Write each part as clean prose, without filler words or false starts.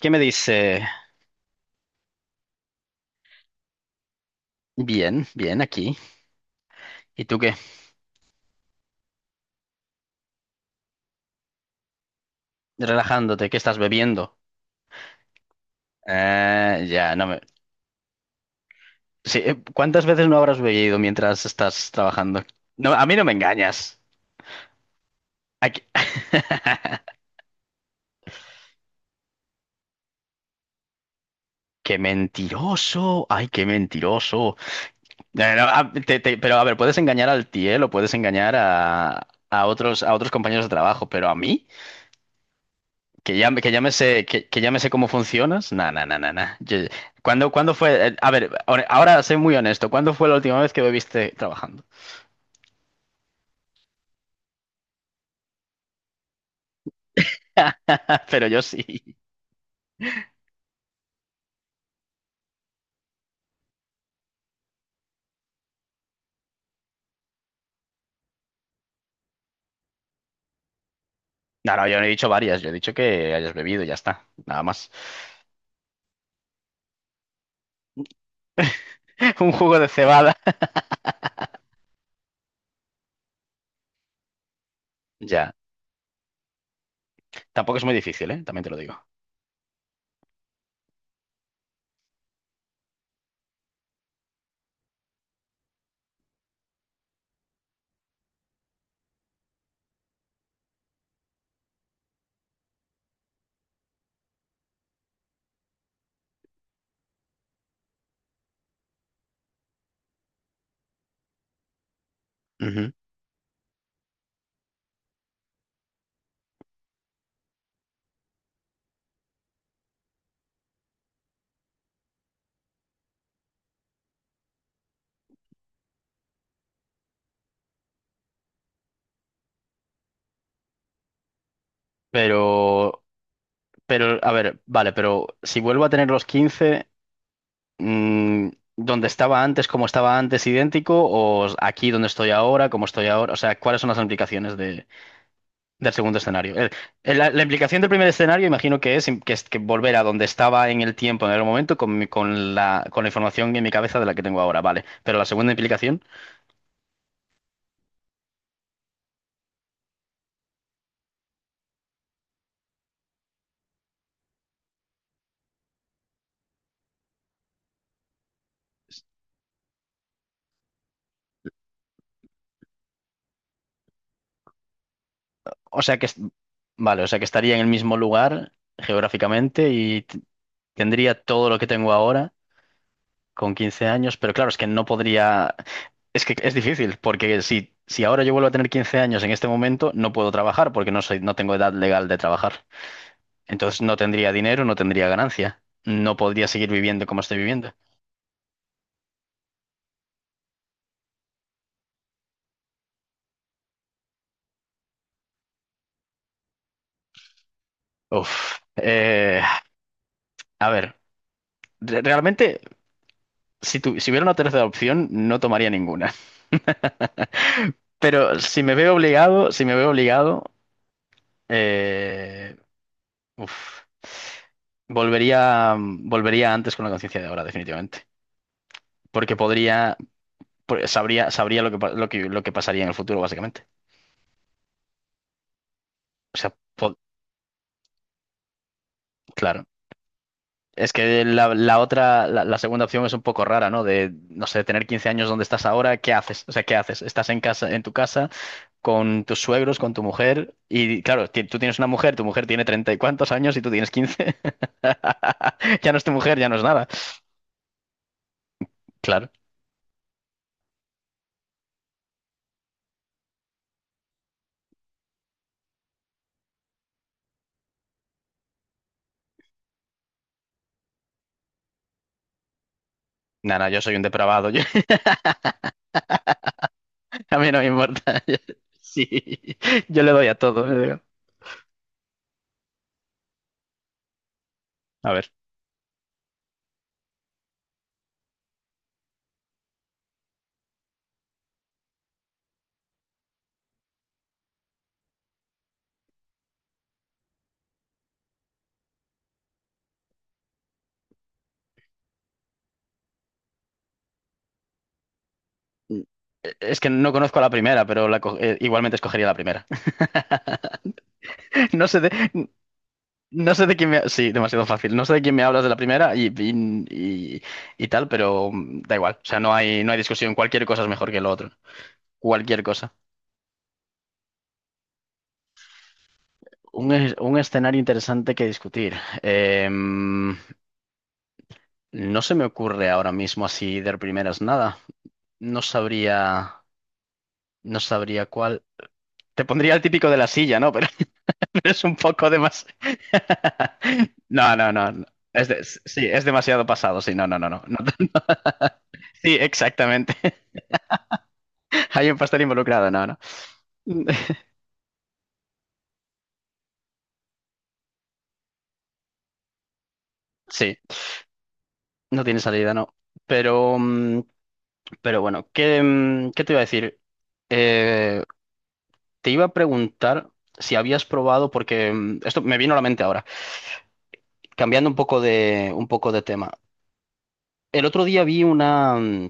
¿Qué me dice? Bien, bien, aquí. ¿Y tú qué? Relajándote, ¿qué estás bebiendo? Ya, no me... Sí, ¿cuántas veces no habrás bebido mientras estás trabajando? No, a mí no me engañas. Aquí- ¡Qué mentiroso! ¡Ay, qué mentiroso! No, ah, te- te- Pero a ver, puedes engañar al tiel o puedes engañar a otros compañeros de trabajo, pero a mí, que ya me sé, que ya me sé cómo funcionas. Nah, nah, nah, nah, nah. ¿Cuándo fue? A ver, ahora soy muy honesto. ¿Cuándo fue la última vez que bebiste trabajando? Pero yo sí. No, no, yo no he dicho varias. Yo he dicho que hayas bebido y ya está. Nada más. Un jugo de cebada. Ya. Tampoco es muy difícil, ¿eh? También te lo digo. Ujú. Pero, pero, a ver, vale, pero si vuelvo a tener los 15 mm, ¿dónde estaba antes, como estaba antes, idéntico? ¿O aquí donde estoy ahora, como estoy ahora? O sea, ¿cuáles son las implicaciones de... del segundo escenario? La, la implicación del primer escenario, imagino que es, que es que volver a donde estaba en el tiempo, en el momento, con la información en mi cabeza de la que tengo ahora, vale. Pero la segunda implicación, o sea que, vale, o sea que estaría en el mismo lugar geográficamente y tendría todo lo que tengo ahora con 15 años, pero claro, es que no podría, es que es difícil, porque si ahora yo vuelvo a tener 15 años en este momento, no puedo trabajar porque no soy, no tengo edad legal de trabajar. Entonces no tendría dinero, no tendría ganancia. No podría seguir viviendo como estoy viviendo. Uf. A ver, realmente, si hubiera una tercera opción, no tomaría ninguna. Pero si me veo obligado, si me veo obligado, eh, uf, volvería antes con la conciencia de ahora, definitivamente. Porque podría, sabría, sabría lo que, lo que, lo que pasaría en el futuro, básicamente. O sea, claro. Es que la otra, la segunda opción es un poco rara, ¿no? De, no sé, tener 15 años donde estás ahora, ¿qué haces? O sea, ¿qué haces? Estás en casa, en tu casa, con tus suegros, con tu mujer, y claro, tú tienes una mujer, tu mujer tiene treinta y cuantos años y tú tienes 15. Ya no es tu mujer, ya no es nada. Claro. Nada, yo soy un depravado, A mí no me importa. Sí, yo le doy a todo, le digo. A ver, es que no conozco a la primera, pero igualmente escogería la primera. No sé, no sé de quién me... Sí, demasiado fácil. No sé de quién me hablas de la primera y tal, pero da igual. O sea, no hay, no hay discusión. Cualquier cosa es mejor que lo otro. Cualquier cosa. Un, un escenario interesante que discutir. Em, no se me ocurre ahora mismo así de primeras nada. No sabría, no sabría cuál. Te pondría el típico de la silla, ¿no? Pero es un poco de más... No, no, no, no. Sí, es demasiado pasado. Sí, no, no, no, no. Sí, exactamente. Hay un pastel involucrado, no, no. Sí, no tiene salida, no. Pero, mm, pero bueno, ¿qué, qué te iba a decir? Eh, Te iba a preguntar si habías probado, porque esto me vino a la mente ahora, cambiando un poco de tema. El otro día vi una,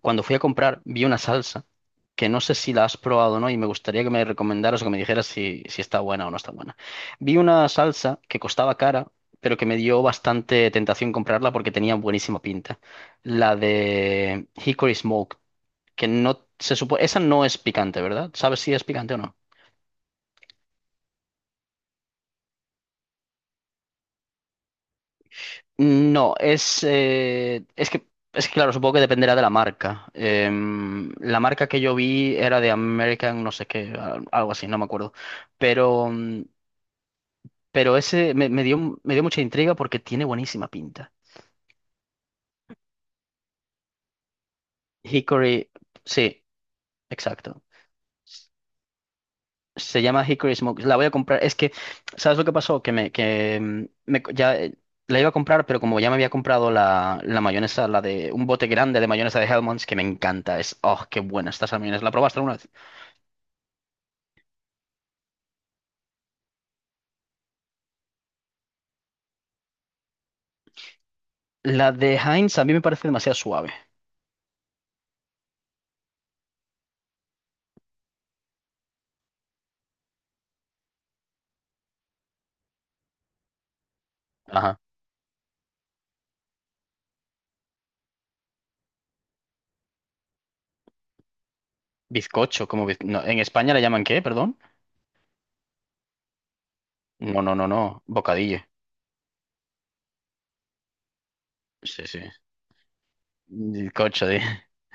cuando fui a comprar, vi una salsa que no sé si la has probado o no y me gustaría que me recomendaras o que me dijeras si, si está buena o no está buena. Vi una salsa que costaba cara, pero que me dio bastante tentación comprarla porque tenía buenísima pinta. La de Hickory Smoke, que no se supone... Esa no es picante, ¿verdad? ¿Sabes si es picante o no? No, es que, claro, supongo que dependerá de la marca. La marca que yo vi era de American, no sé qué, algo así, no me acuerdo. Pero, mm, pero ese me, me dio mucha intriga porque tiene buenísima pinta. Hickory, sí, exacto. Se llama Hickory Smoke. La voy a comprar. Es que, ¿sabes lo que pasó? Que me, que mm, me co- ya la iba a comprar, pero como ya me había comprado la, la mayonesa, la de un bote grande de mayonesa de Hellmann's, que me encanta. Es, oh, qué buena está esa mayonesa. ¿La probaste alguna vez? La de Heinz a mí me parece demasiado suave. Ajá. Bizcocho, como no, en España le llaman ¿qué? Perdón. No, no, no, no. Bocadillo. Sí, sí. Bizcocho de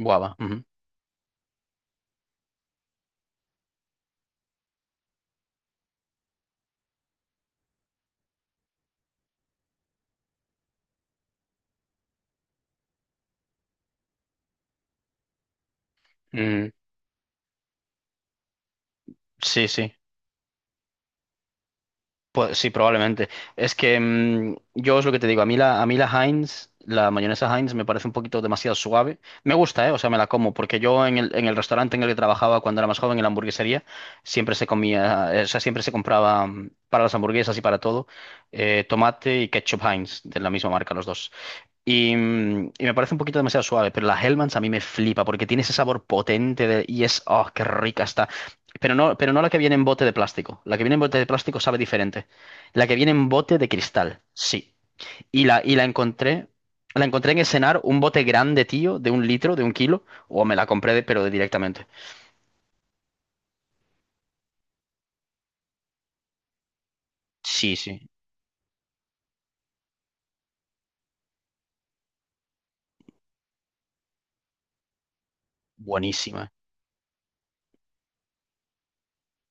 guava. Ujú. Mm, sí, sí. Pues sí, probablemente. Es que yo es lo que te digo, a mí la Heinz, la mayonesa Heinz me parece un poquito demasiado suave. Me gusta, ¿eh? O sea, me la como, porque yo en el restaurante en el que trabajaba cuando era más joven, en la hamburguesería, siempre se comía, o sea, siempre se compraba para las hamburguesas y para todo, tomate y ketchup Heinz, de la misma marca, los dos. Y, y me parece un poquito demasiado suave, pero la Hellmann's a mí me flipa porque tiene ese sabor potente y es, oh, qué rica está. Pero no la que viene en bote de plástico. La que viene en bote de plástico sabe diferente. La que viene en bote de cristal, sí. Y la encontré en el cenar un bote grande, tío, de un litro, de un kilo, o me la compré, pero de directamente. Sí, sí, buenísima,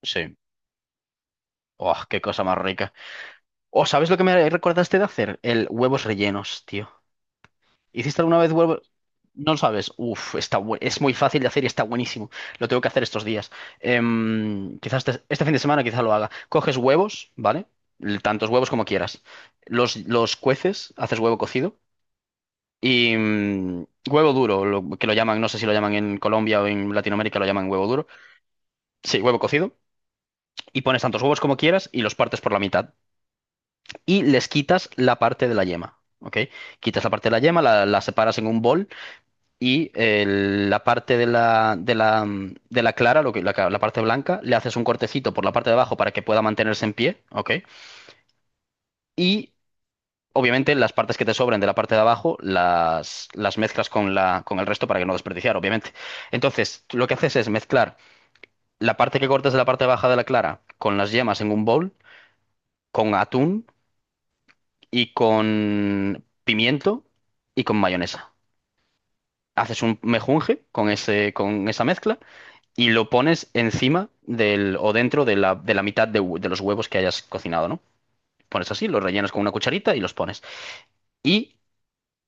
sí. Oh, qué cosa más rica. Oh, ¿sabes lo que me recordaste de hacer? El huevos rellenos, tío. ¿Hiciste alguna vez huevos? No lo sabes. Uf, es muy fácil de hacer y está buenísimo. Lo tengo que hacer estos días. Este fin de semana quizás lo haga. Coges huevos, ¿vale? Tantos huevos como quieras. Los cueces, haces huevo cocido y huevo duro, que lo llaman, no sé si lo llaman en Colombia o en Latinoamérica, lo llaman huevo duro. Sí, huevo cocido. Y pones tantos huevos como quieras y los partes por la mitad. Y les quitas la parte de la yema, ¿ok? Quitas la parte de la yema, la separas en un bol y la parte de la, de la, de la clara, lo que, la parte blanca, le haces un cortecito por la parte de abajo para que pueda mantenerse en pie, ¿ok? Y obviamente las partes que te sobren de la parte de abajo las mezclas con, la, con el resto para que no desperdiciar, obviamente. Entonces, lo que haces es mezclar la parte que cortas de la parte baja de la clara con las yemas en un bowl, con atún y con pimiento y con mayonesa. Haces un mejunje con ese, con esa mezcla y lo pones encima del o dentro de la mitad de, de los huevos que hayas cocinado, ¿no? Pones así, los rellenas con una cucharita y los pones. Y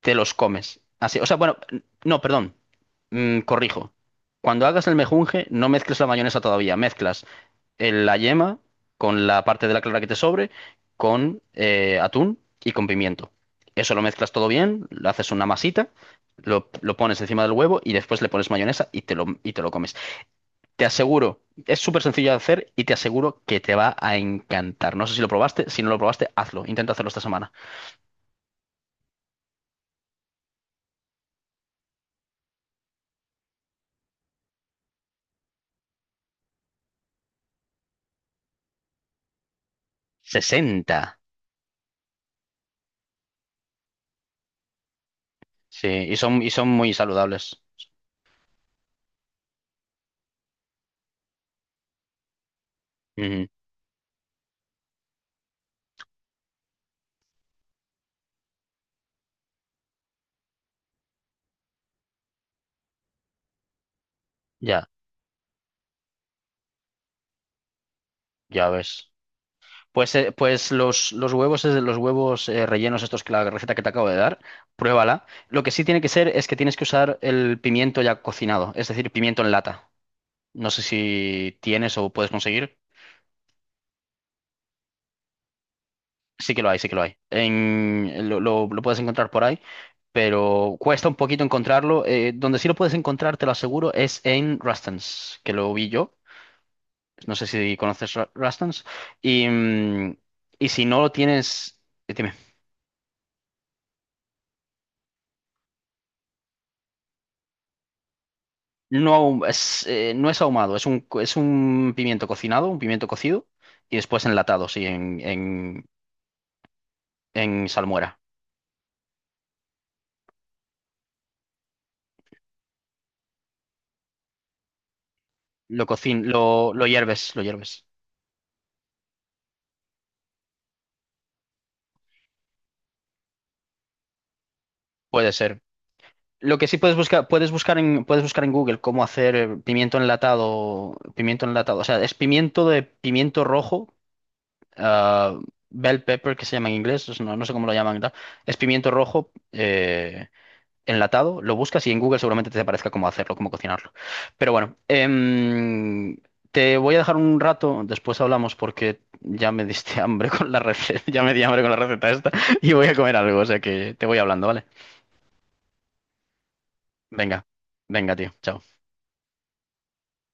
te los comes. Así, o sea, bueno, no, perdón. Corrijo. Cuando hagas el mejunje, no mezcles la mayonesa todavía. Mezclas la yema con la parte de la clara que te sobre, con atún y con pimiento. Eso lo mezclas todo bien, lo haces una masita, lo pones encima del huevo y después le pones mayonesa y te lo comes. Te aseguro, es súper sencillo de hacer y te aseguro que te va a encantar. No sé si lo probaste, si no lo probaste, hazlo. Intenta hacerlo esta semana. 60. Sí, y son muy saludables. Ujú. Ya, ya ves. Pues, pues los huevos, los huevos rellenos, estos que la receta que te acabo de dar, pruébala. Lo que sí tiene que ser es que tienes que usar el pimiento ya cocinado, es decir, pimiento en lata. No sé si tienes o puedes conseguir. Sí que lo hay, sí que lo hay. Lo, lo puedes encontrar por ahí, pero cuesta un poquito encontrarlo. Donde sí lo puedes encontrar, te lo aseguro, es en Rustans, que lo vi yo. No sé si conoces Rustans. Y, y si no lo tienes, dime. No, no es ahumado, es un, es un pimiento cocinado, un pimiento cocido, y después enlatado, sí, en salmuera. Lo hierves, lo hierves. Puede ser. Lo que sí puedes buscar en Google cómo hacer pimiento enlatado, o sea, es pimiento de pimiento rojo, ah, bell pepper que se llama en inglés, no, no sé cómo lo llaman, y tal. Es pimiento rojo enlatado, lo buscas y en Google seguramente te aparezca cómo hacerlo, cómo cocinarlo. Pero bueno, te voy a dejar un rato, después hablamos porque ya me diste hambre con la receta, ya me di hambre con la receta esta y voy a comer algo, o sea que te voy hablando, ¿vale? Venga, venga, tío, chao.